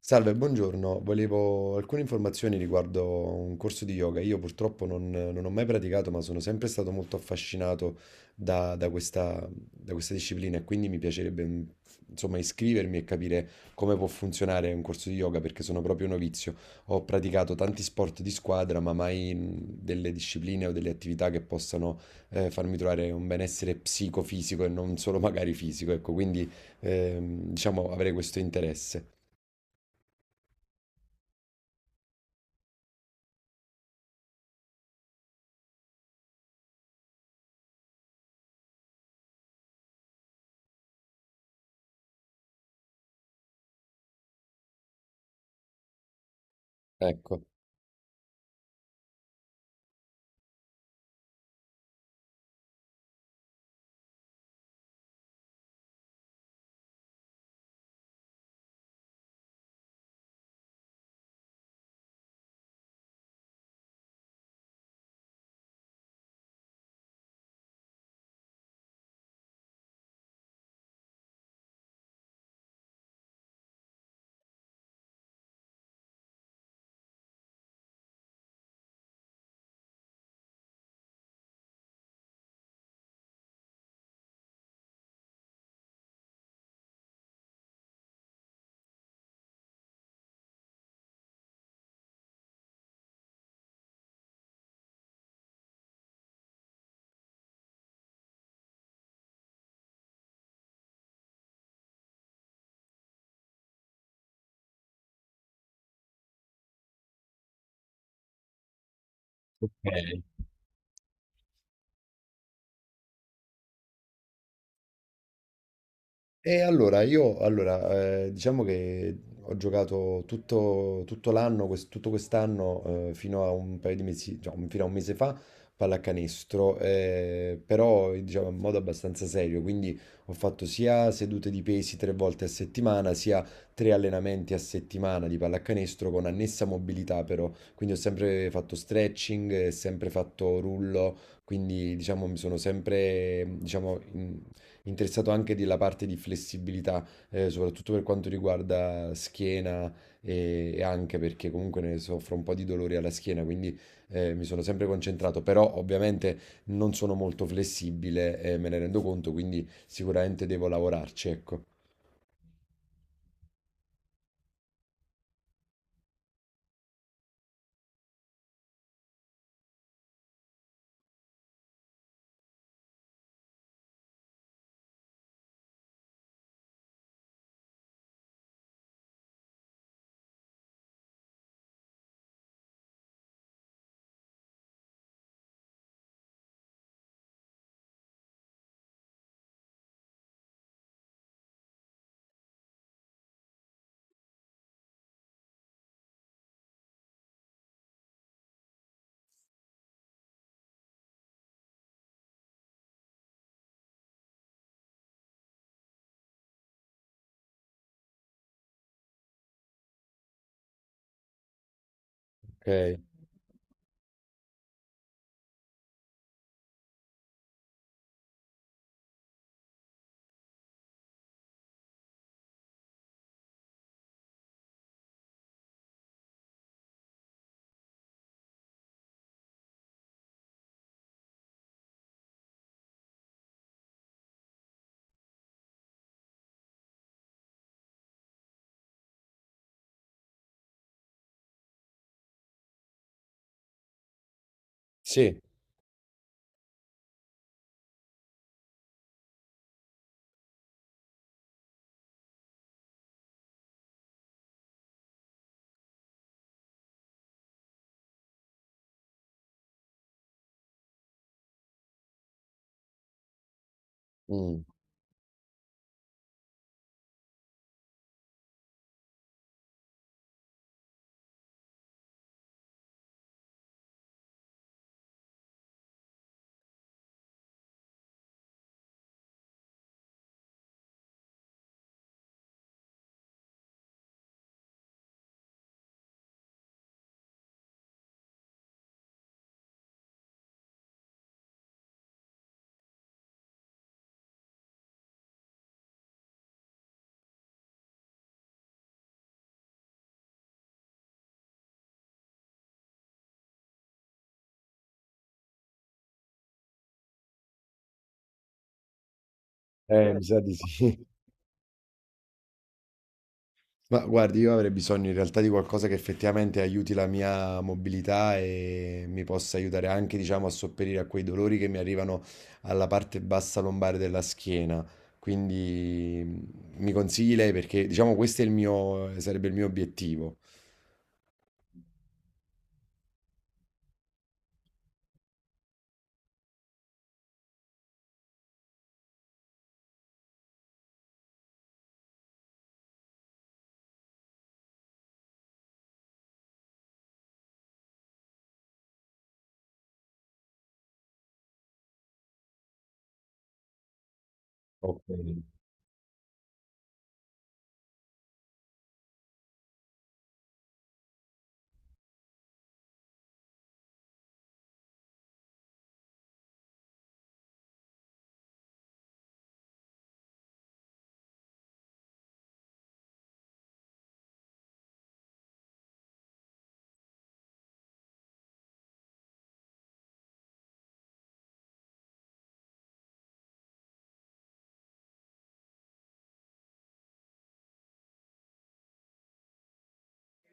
Salve, buongiorno. Volevo alcune informazioni riguardo un corso di yoga. Io purtroppo non ho mai praticato, ma sono sempre stato molto affascinato da questa disciplina e quindi mi piacerebbe, insomma, iscrivermi e capire come può funzionare un corso di yoga perché sono proprio novizio. Ho praticato tanti sport di squadra, ma mai delle discipline o delle attività che possano farmi trovare un benessere psicofisico e non solo magari fisico. Ecco, quindi diciamo avrei questo interesse. Ecco. E allora io, allora, diciamo che ho giocato tutto l'anno, tutto quest'anno, fino a un paio di mesi, cioè, fino a un mese fa, pallacanestro, però diciamo in modo abbastanza serio, quindi ho fatto sia sedute di pesi 3 volte a settimana, sia 3 allenamenti a settimana di pallacanestro con annessa mobilità però, quindi ho sempre fatto stretching, sempre fatto rullo, quindi diciamo mi sono sempre, diciamo, interessato anche della parte di flessibilità, soprattutto per quanto riguarda schiena e anche perché comunque ne soffro un po' di dolori alla schiena, quindi mi sono sempre concentrato, però ovviamente non sono molto flessibile, me ne rendo conto, quindi sicuramente devo lavorarci, ecco. Ok, sì. Mm. Mi sa di sì. Ma guardi, io avrei bisogno in realtà di qualcosa che effettivamente aiuti la mia mobilità e mi possa aiutare anche, diciamo, a sopperire a quei dolori che mi arrivano alla parte bassa lombare della schiena. Quindi mi consigli lei perché, diciamo, questo è il mio, sarebbe il mio obiettivo. Ok.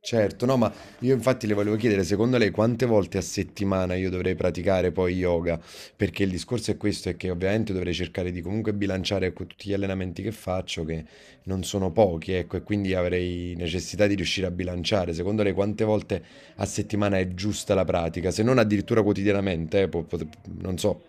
Certo, no, ma io infatti le volevo chiedere, secondo lei quante volte a settimana io dovrei praticare poi yoga? Perché il discorso è questo, è che ovviamente dovrei cercare di comunque bilanciare con tutti gli allenamenti che faccio, che non sono pochi, ecco, e quindi avrei necessità di riuscire a bilanciare. Secondo lei quante volte a settimana è giusta la pratica? Se non addirittura quotidianamente, non so.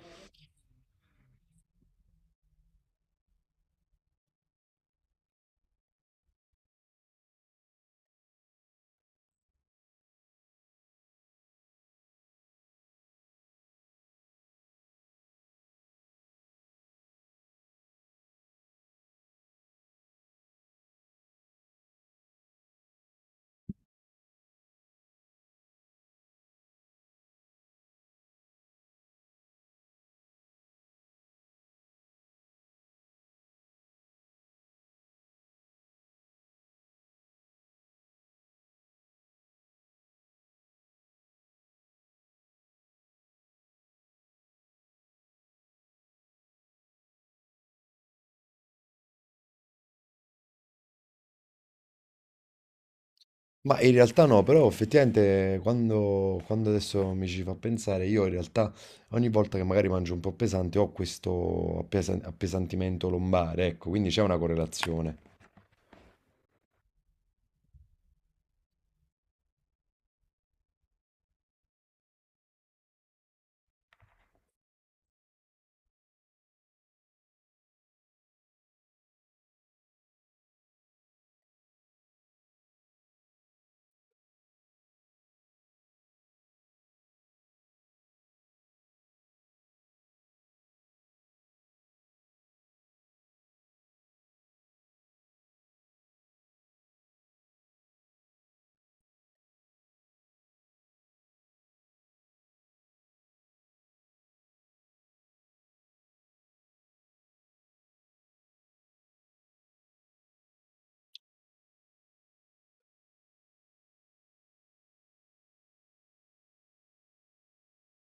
Ma in realtà no, però effettivamente quando adesso mi ci fa pensare, io in realtà ogni volta che magari mangio un po' pesante ho questo appesantimento lombare, ecco, quindi c'è una correlazione.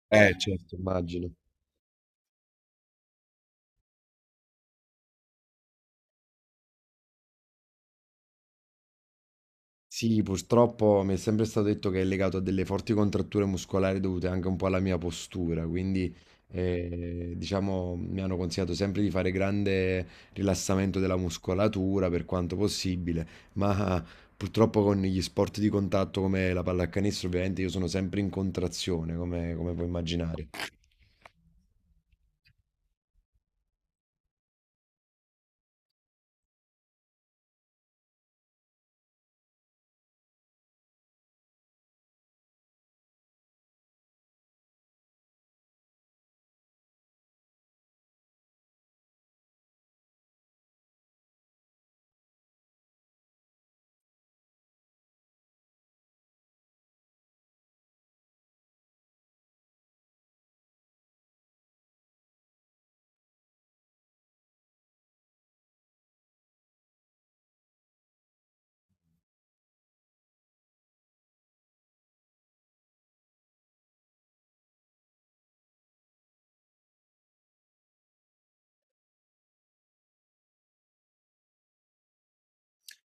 Certo, immagino. Sì, purtroppo mi è sempre stato detto che è legato a delle forti contratture muscolari dovute anche un po' alla mia postura, quindi diciamo mi hanno consigliato sempre di fare grande rilassamento della muscolatura per quanto possibile, ma purtroppo con gli sport di contatto come la pallacanestro ovviamente io sono sempre in contrazione, come puoi immaginare.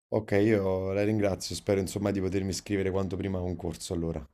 Ok, io la ringrazio, spero insomma di potermi iscrivere quanto prima a un corso allora.